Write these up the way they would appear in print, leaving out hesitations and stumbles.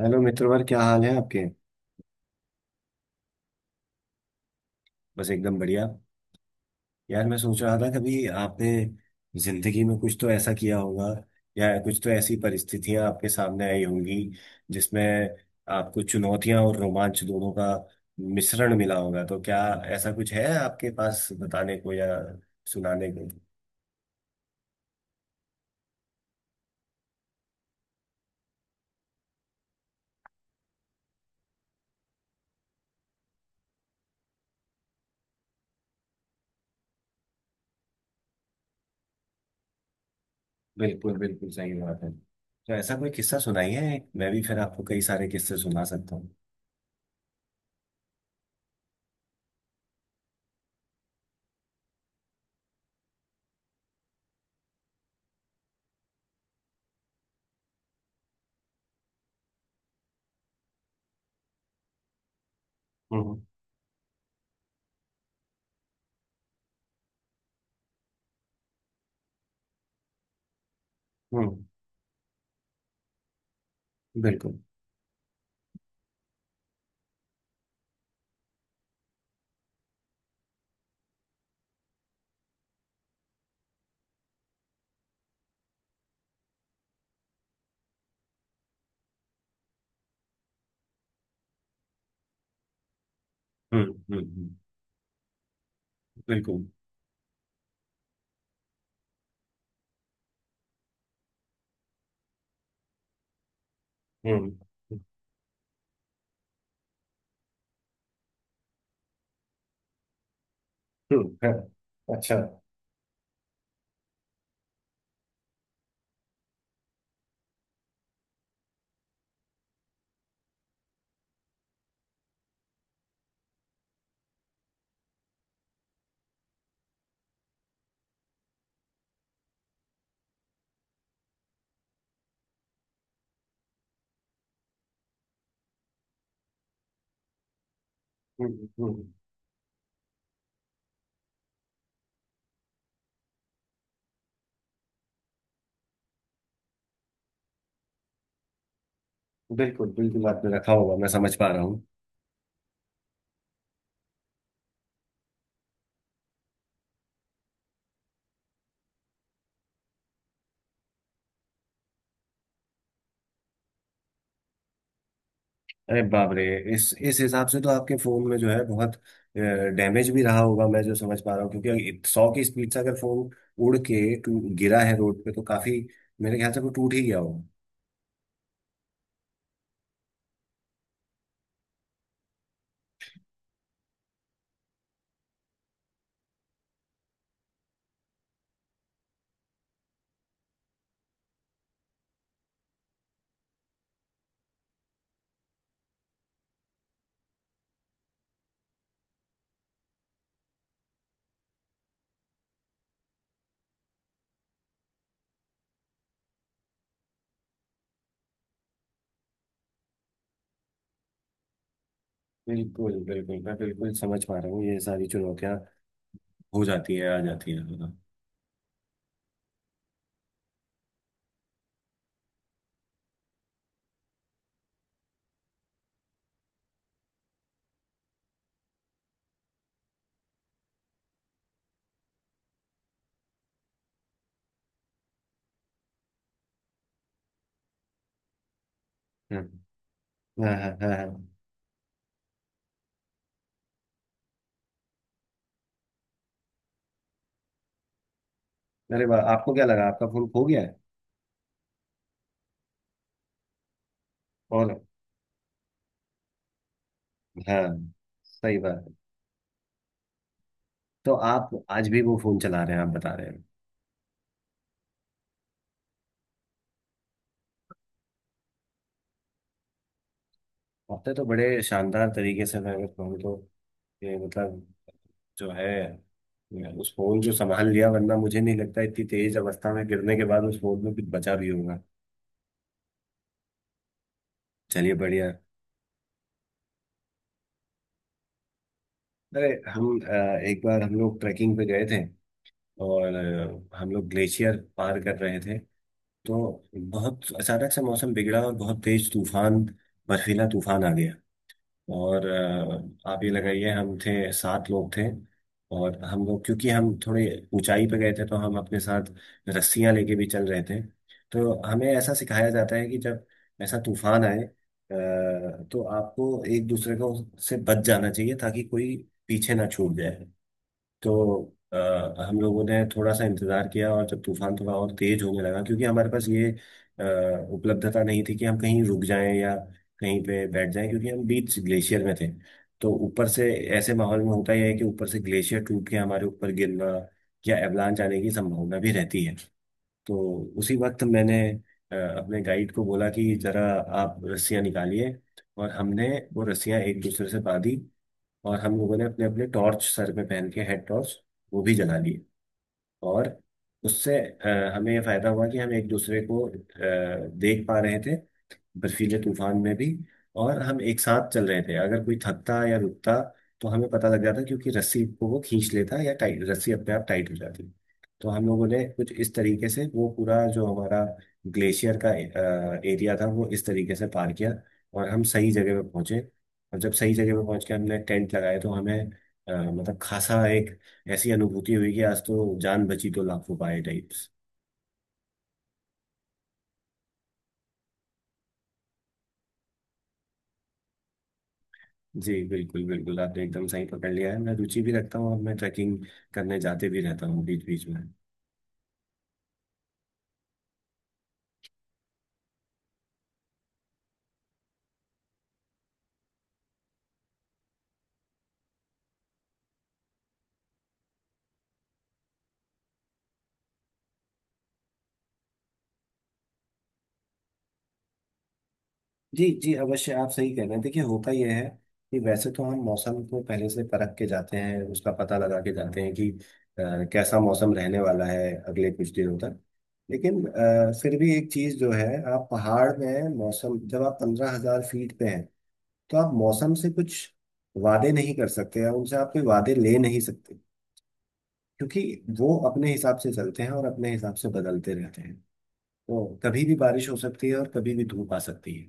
Hello मित्रवर, क्या हाल है आपके। बस एकदम बढ़िया। यार, मैं सोच रहा था कभी आपने जिंदगी में कुछ तो ऐसा किया होगा या कुछ तो ऐसी परिस्थितियां आपके सामने आई होंगी जिसमें आपको चुनौतियां और रोमांच दोनों का मिश्रण मिला होगा। तो क्या ऐसा कुछ है आपके पास बताने को या सुनाने को? बिल्कुल, बिल्कुल सही बात है। तो ऐसा कोई किस्सा सुनाइए, मैं भी फिर आपको कई सारे किस्से सुना सकता हूँ। हम्म। हम्म। बिल्कुल। हम्म। हम्म। हम्म। बिल्कुल। हम्म। है, अच्छा। हम्म। हम्म। हम्म। बिल्कुल, बिल्कुल आपने रखा होगा, मैं समझ पा रहा हूँ। अरे बाप रे! इस हिसाब से तो आपके फोन में जो है बहुत डैमेज भी रहा होगा, मैं जो समझ पा रहा हूँ। क्योंकि 100 की स्पीड से अगर फोन उड़ के गिरा है रोड पे, तो काफी, मेरे ख्याल से वो टूट ही गया होगा। बिल्कुल, बिल्कुल, मैं बिल्कुल समझ पा रहा हूँ ये सारी चुनौतियां हो जाती है, आ जाती है। हम्म। हाँ, हाँ, हाँ, हाँ। अरे वाह! आपको क्या लगा आपका फोन खो गया है? और हाँ, सही बात। तो आप आज भी वो फोन चला रहे हैं, आप बता रहे हैं। आपने तो बड़े शानदार तरीके से, मैं अगर कहूँ तो, ये मतलब, जो है, मैं उस फोन जो संभाल लिया, वरना मुझे नहीं लगता इतनी तेज अवस्था में गिरने के बाद उस फोन में कुछ बचा भी होगा। चलिए, बढ़िया। अरे, हम एक बार हम लोग ट्रैकिंग पे गए थे, और हम लोग ग्लेशियर पार कर रहे थे। तो बहुत अचानक से मौसम बिगड़ा और बहुत तेज तूफान, बर्फीला तूफान आ गया। और आप ये लगाइए, हम थे 7 लोग थे। और हम लोग, क्योंकि हम थोड़े ऊंचाई पे गए थे, तो हम अपने साथ रस्सियां लेके भी चल रहे थे। तो हमें ऐसा सिखाया जाता है कि जब ऐसा तूफान आए तो आपको एक दूसरे को से बच जाना चाहिए ताकि कोई पीछे ना छूट जाए। तो हम लोगों ने थोड़ा सा इंतजार किया, और जब तूफान थोड़ा और तेज होने लगा, क्योंकि हमारे पास ये उपलब्धता नहीं थी कि हम कहीं रुक जाएं या कहीं पे बैठ जाएं, क्योंकि हम बीच ग्लेशियर में थे। तो ऊपर से ऐसे माहौल में होता यह है कि ऊपर से ग्लेशियर टूट के हमारे ऊपर गिरना या एवलांच आने की संभावना भी रहती है। तो उसी वक्त मैंने अपने गाइड को बोला कि जरा आप रस्सियां निकालिए। और हमने वो रस्सियां एक दूसरे से बांधी। और हम लोगों ने अपने अपने टॉर्च सर पे पहन के, हेड टॉर्च, वो भी जला लिए। और उससे हमें ये फायदा हुआ कि हम एक दूसरे को देख पा रहे थे बर्फीले तूफान में भी। और हम एक साथ चल रहे थे, अगर कोई थकता या रुकता तो हमें पता लग जाता, क्योंकि रस्सी को वो खींच लेता या टाइट, रस्सी अपने आप टाइट हो जाती। तो हम लोगों ने कुछ इस तरीके से वो पूरा जो हमारा ग्लेशियर का एरिया था, वो इस तरीके से पार किया, और हम सही जगह पे पहुंचे। और जब सही जगह पे पहुंच के हमने टेंट लगाए, तो हमें मतलब खासा एक ऐसी अनुभूति हुई कि आज तो जान बची तो लाखों पाए टाइप्स। जी, बिल्कुल बिल्कुल आपने एकदम सही पकड़ लिया है। मैं रुचि भी रखता हूँ और मैं ट्रैकिंग करने जाते भी रहता हूँ बीच बीच में। जी जी, अवश्य आप सही कह रहे हैं। देखिए होता यह है कि वैसे तो हम मौसम को पहले से परख के जाते हैं, उसका पता लगा के जाते हैं कि कैसा मौसम रहने वाला है अगले कुछ दिनों तक। लेकिन फिर भी एक चीज़ जो है, आप पहाड़ में मौसम, जब आप 15,000 फीट पे हैं, तो आप मौसम से कुछ वादे नहीं कर सकते या उनसे आप कोई वादे ले नहीं सकते। क्योंकि वो अपने हिसाब से चलते हैं और अपने हिसाब से बदलते रहते हैं। तो कभी भी बारिश हो सकती है और कभी भी धूप आ सकती है।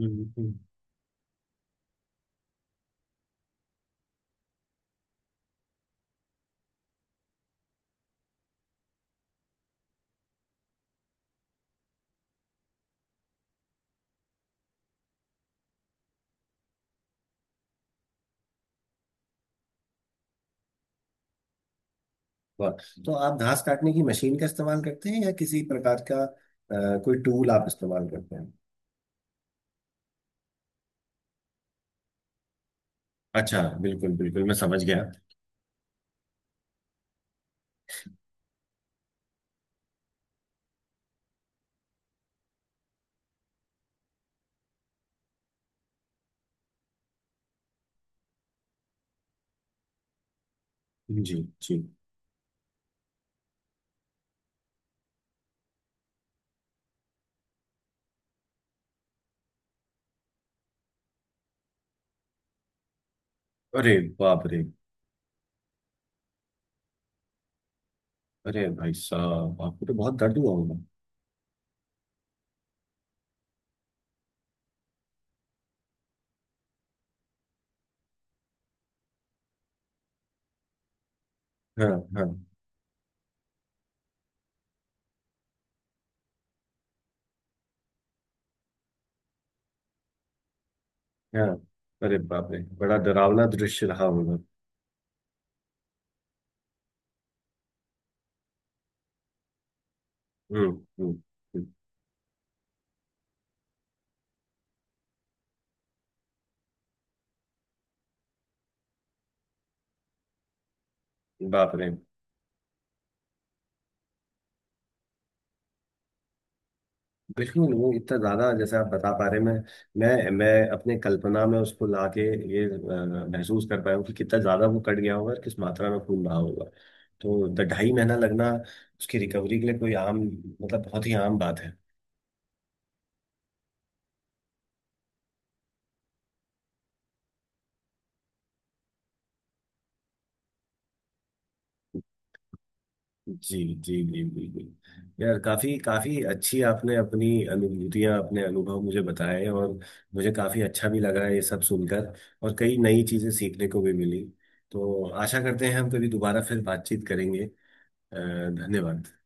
हम्म। हम्म। वाह! तो आप घास काटने की मशीन का इस्तेमाल करते हैं या किसी प्रकार का कोई टूल आप इस्तेमाल करते हैं? अच्छा, बिल्कुल बिल्कुल, मैं समझ गया। जी। जी। अरे बाप रे! अरे भाई साहब, आपको तो बहुत दर्द हुआ होगा। हाँ। हाँ। हाँ। अरे बाप रे, बड़ा डरावना दृश्य रहा होगा। हम्म। हम्म। हम्म। बाप रे। बिल्कुल, वो इतना ज़्यादा जैसे आप बता पा रहे हैं, मैं मैं अपने कल्पना में उसको लाके ये महसूस कर पाया हूँ कि कितना ज़्यादा वो कट गया होगा और किस मात्रा में खून रहा होगा। तो 2.5 महीना लगना उसकी रिकवरी के लिए कोई आम, मतलब बहुत ही आम बात है। जी। जी। जी, बिल्कुल यार, काफ़ी काफ़ी अच्छी आपने अपनी अनुभूतियाँ, अपने अनुभव मुझे बताए, और मुझे काफ़ी अच्छा भी लगा ये सब सुनकर, और कई नई चीज़ें सीखने को भी मिली। तो आशा करते हैं हम कभी दोबारा फिर बातचीत करेंगे। धन्यवाद।